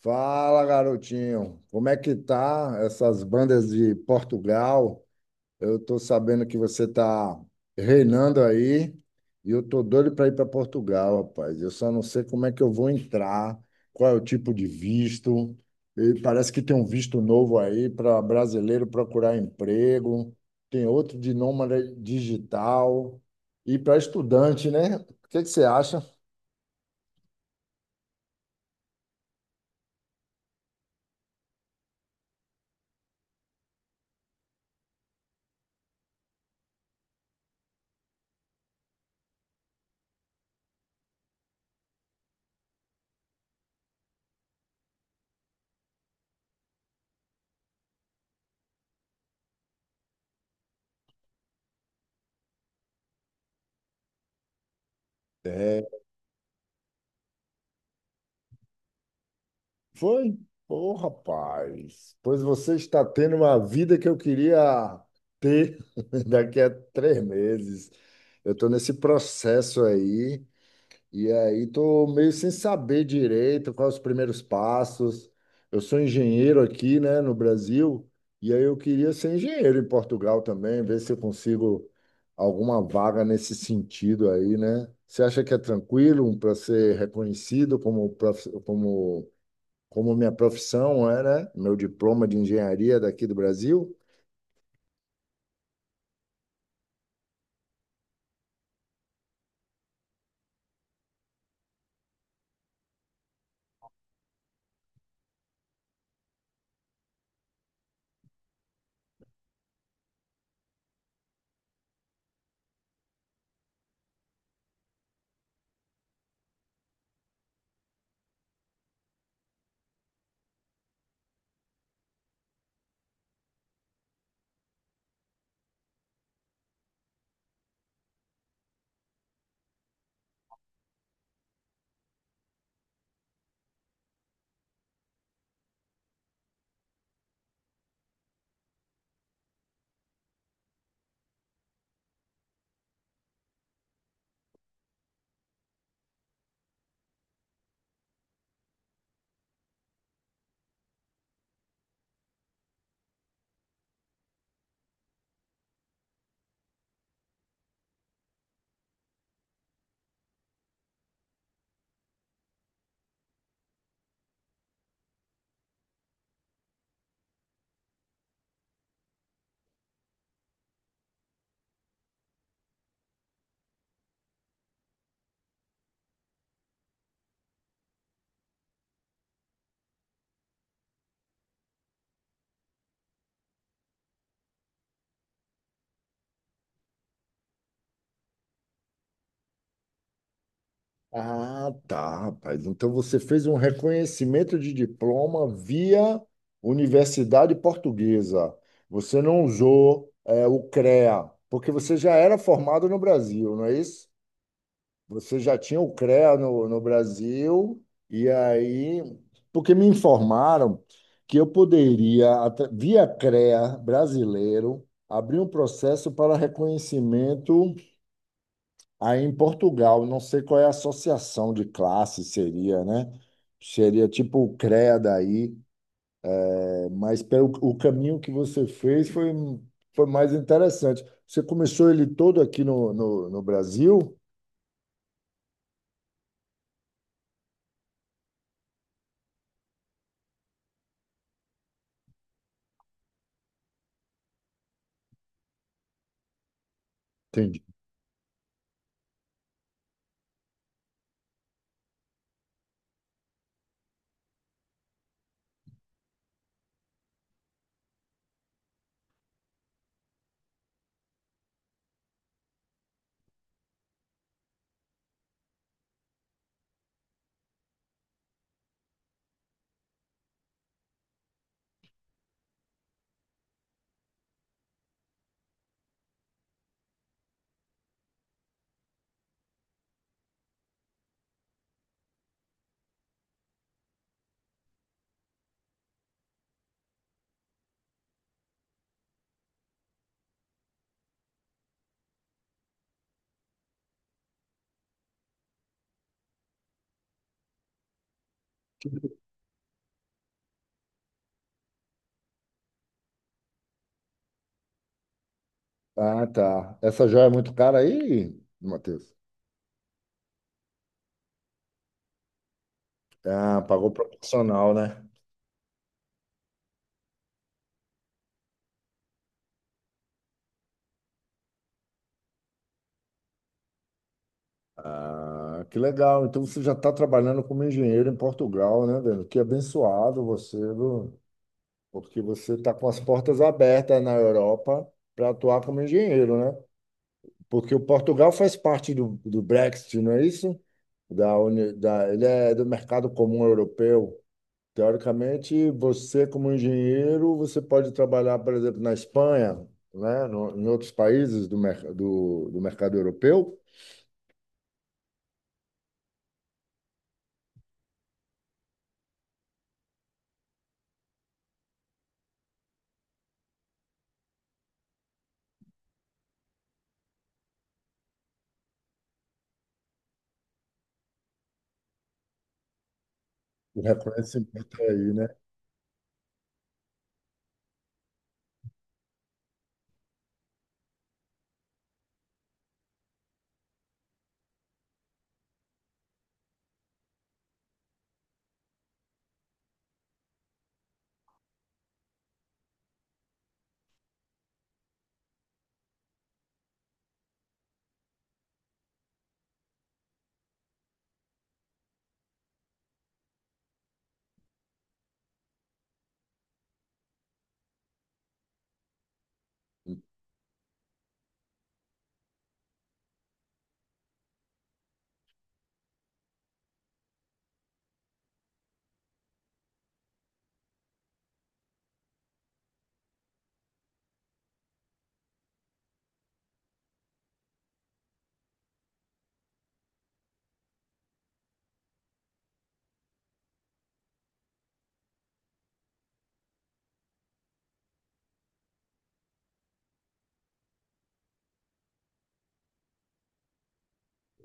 Fala, garotinho. Como é que tá essas bandas de Portugal? Eu tô sabendo que você tá reinando aí e eu tô doido para ir para Portugal, rapaz. Eu só não sei como é que eu vou entrar, qual é o tipo de visto. E parece que tem um visto novo aí para brasileiro procurar emprego, tem outro de nômade digital e para estudante, né? O que que você acha? Foi? Ô, rapaz, pois você está tendo uma vida que eu queria ter daqui a 3 meses. Eu estou nesse processo aí, e aí estou meio sem saber direito quais os primeiros passos. Eu sou engenheiro aqui, né, no Brasil, e aí eu queria ser engenheiro em Portugal também, ver se eu consigo alguma vaga nesse sentido aí, né? Você acha que é tranquilo para ser reconhecido como minha profissão era meu diploma de engenharia daqui do Brasil? Ah, tá, rapaz. Então você fez um reconhecimento de diploma via Universidade Portuguesa. Você não usou, o CREA, porque você já era formado no Brasil, não é isso? Você já tinha o CREA no Brasil, e aí, porque me informaram que eu poderia, via CREA brasileiro, abrir um processo para reconhecimento aí em Portugal. Não sei qual é a associação de classe seria, né? Seria tipo o CREA daí, mas pelo o caminho que você fez foi mais interessante. Você começou ele todo aqui no Brasil? Ah, tá. Essa joia é muito cara aí, Matheus? Ah, pagou proporcional, né? Ah, que legal. Então você já está trabalhando como engenheiro em Portugal, né, velho? Que abençoado você, viu? Porque você está com as portas abertas na Europa para atuar como engenheiro, né? Porque o Portugal faz parte do Brexit, não é isso? Ele é do mercado comum europeu. Teoricamente, você como engenheiro, você pode trabalhar, por exemplo, na Espanha, né? No, Em outros países do mercado europeu. O reconhecimento é aí, né?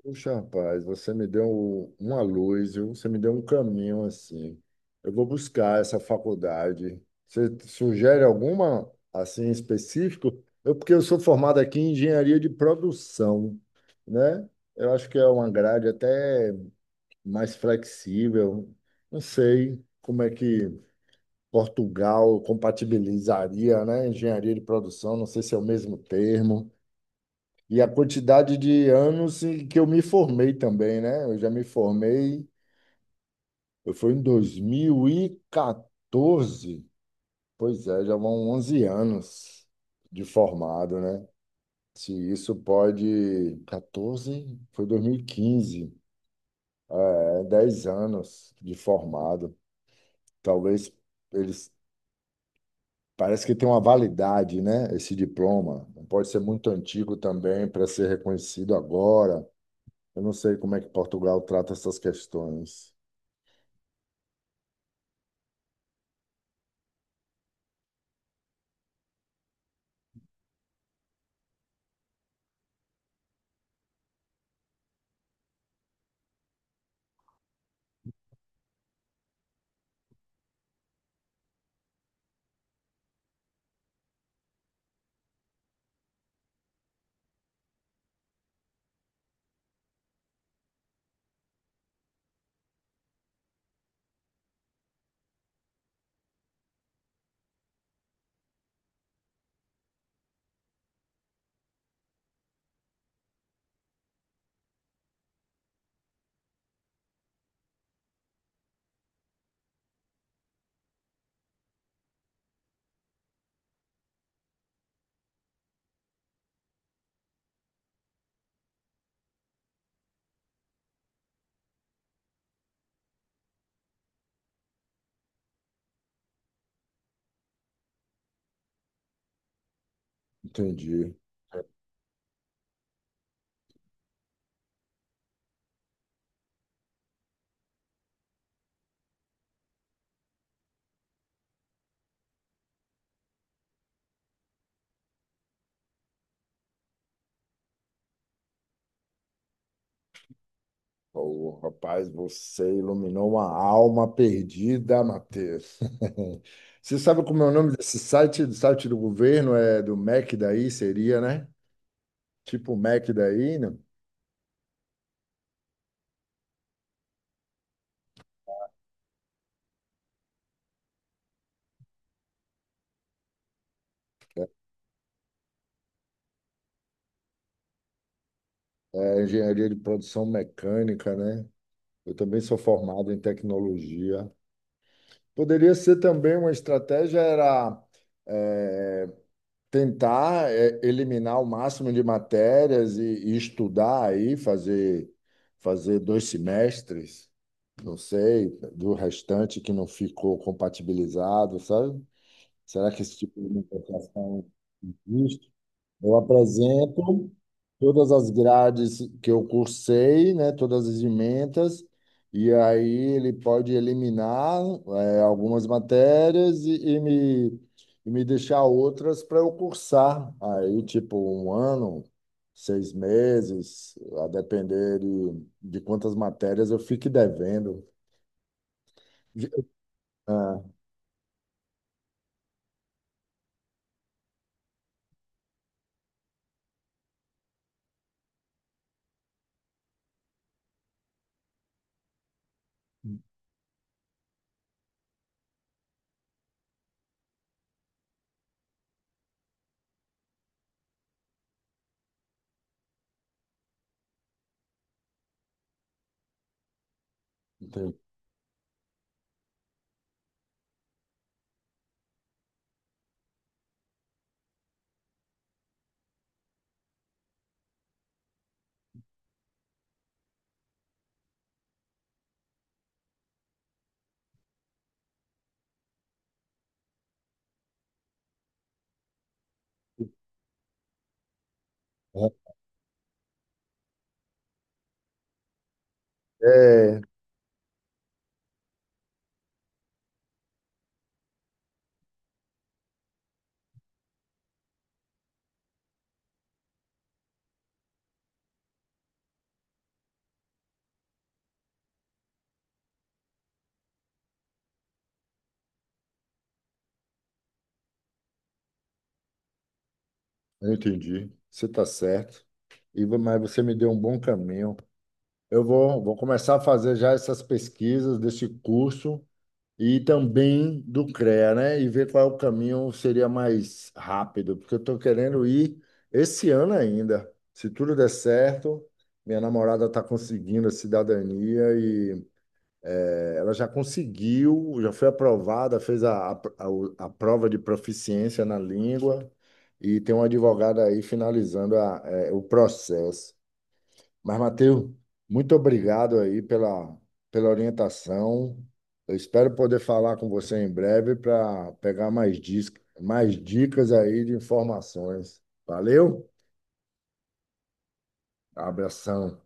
Puxa, rapaz, você me deu uma luz, viu? Você me deu um caminho assim. Eu vou buscar essa faculdade. Você sugere alguma assim específico? Porque eu sou formado aqui em engenharia de produção, né? Eu acho que é uma grade até mais flexível. Não sei como é que Portugal compatibilizaria, né? Engenharia de produção, não sei se é o mesmo termo. E a quantidade de anos em que eu me formei também, né? Eu já me formei, eu fui em 2014. Pois é, já vão 11 anos de formado, né? Se isso pode. 14? Foi 2015. É, 10 anos de formado. Talvez eles Parece que tem uma validade, né? Esse diploma. Não pode ser muito antigo também para ser reconhecido agora. Eu não sei como é que Portugal trata essas questões. Entendi. Ô, rapaz, você iluminou uma alma perdida, Matheus. Você sabe como é o nome desse site? Do site do governo é do MEC daí, seria, né? Tipo o MEC daí, né? É engenharia de produção mecânica, né? Eu também sou formado em tecnologia. Poderia ser também uma estratégia era eh, tentar eliminar o máximo de matérias e estudar aí, fazer 2 semestres, não sei, do restante que não ficou compatibilizado, sabe? Será que esse tipo de negociação existe? Eu apresento todas as grades que eu cursei, né, todas as ementas, e aí ele pode eliminar, algumas matérias e me deixar outras para eu cursar. Aí, tipo, um ano, 6 meses, a depender de quantas matérias eu fique devendo. Ah, entendi. É, eu entendi. Você está certo. Iva, mas você me deu um bom caminho. Eu vou começar a fazer já essas pesquisas desse curso e também do CREA, né? E ver qual é o caminho seria mais rápido, porque eu estou querendo ir esse ano ainda. Se tudo der certo, minha namorada está conseguindo a cidadania. Ela já conseguiu, já foi aprovada, fez a prova de proficiência na língua e tem um advogado aí finalizando o processo. Mas, Matheus, muito obrigado aí pela orientação. Eu espero poder falar com você em breve para pegar mais dicas aí de informações. Valeu? Abração.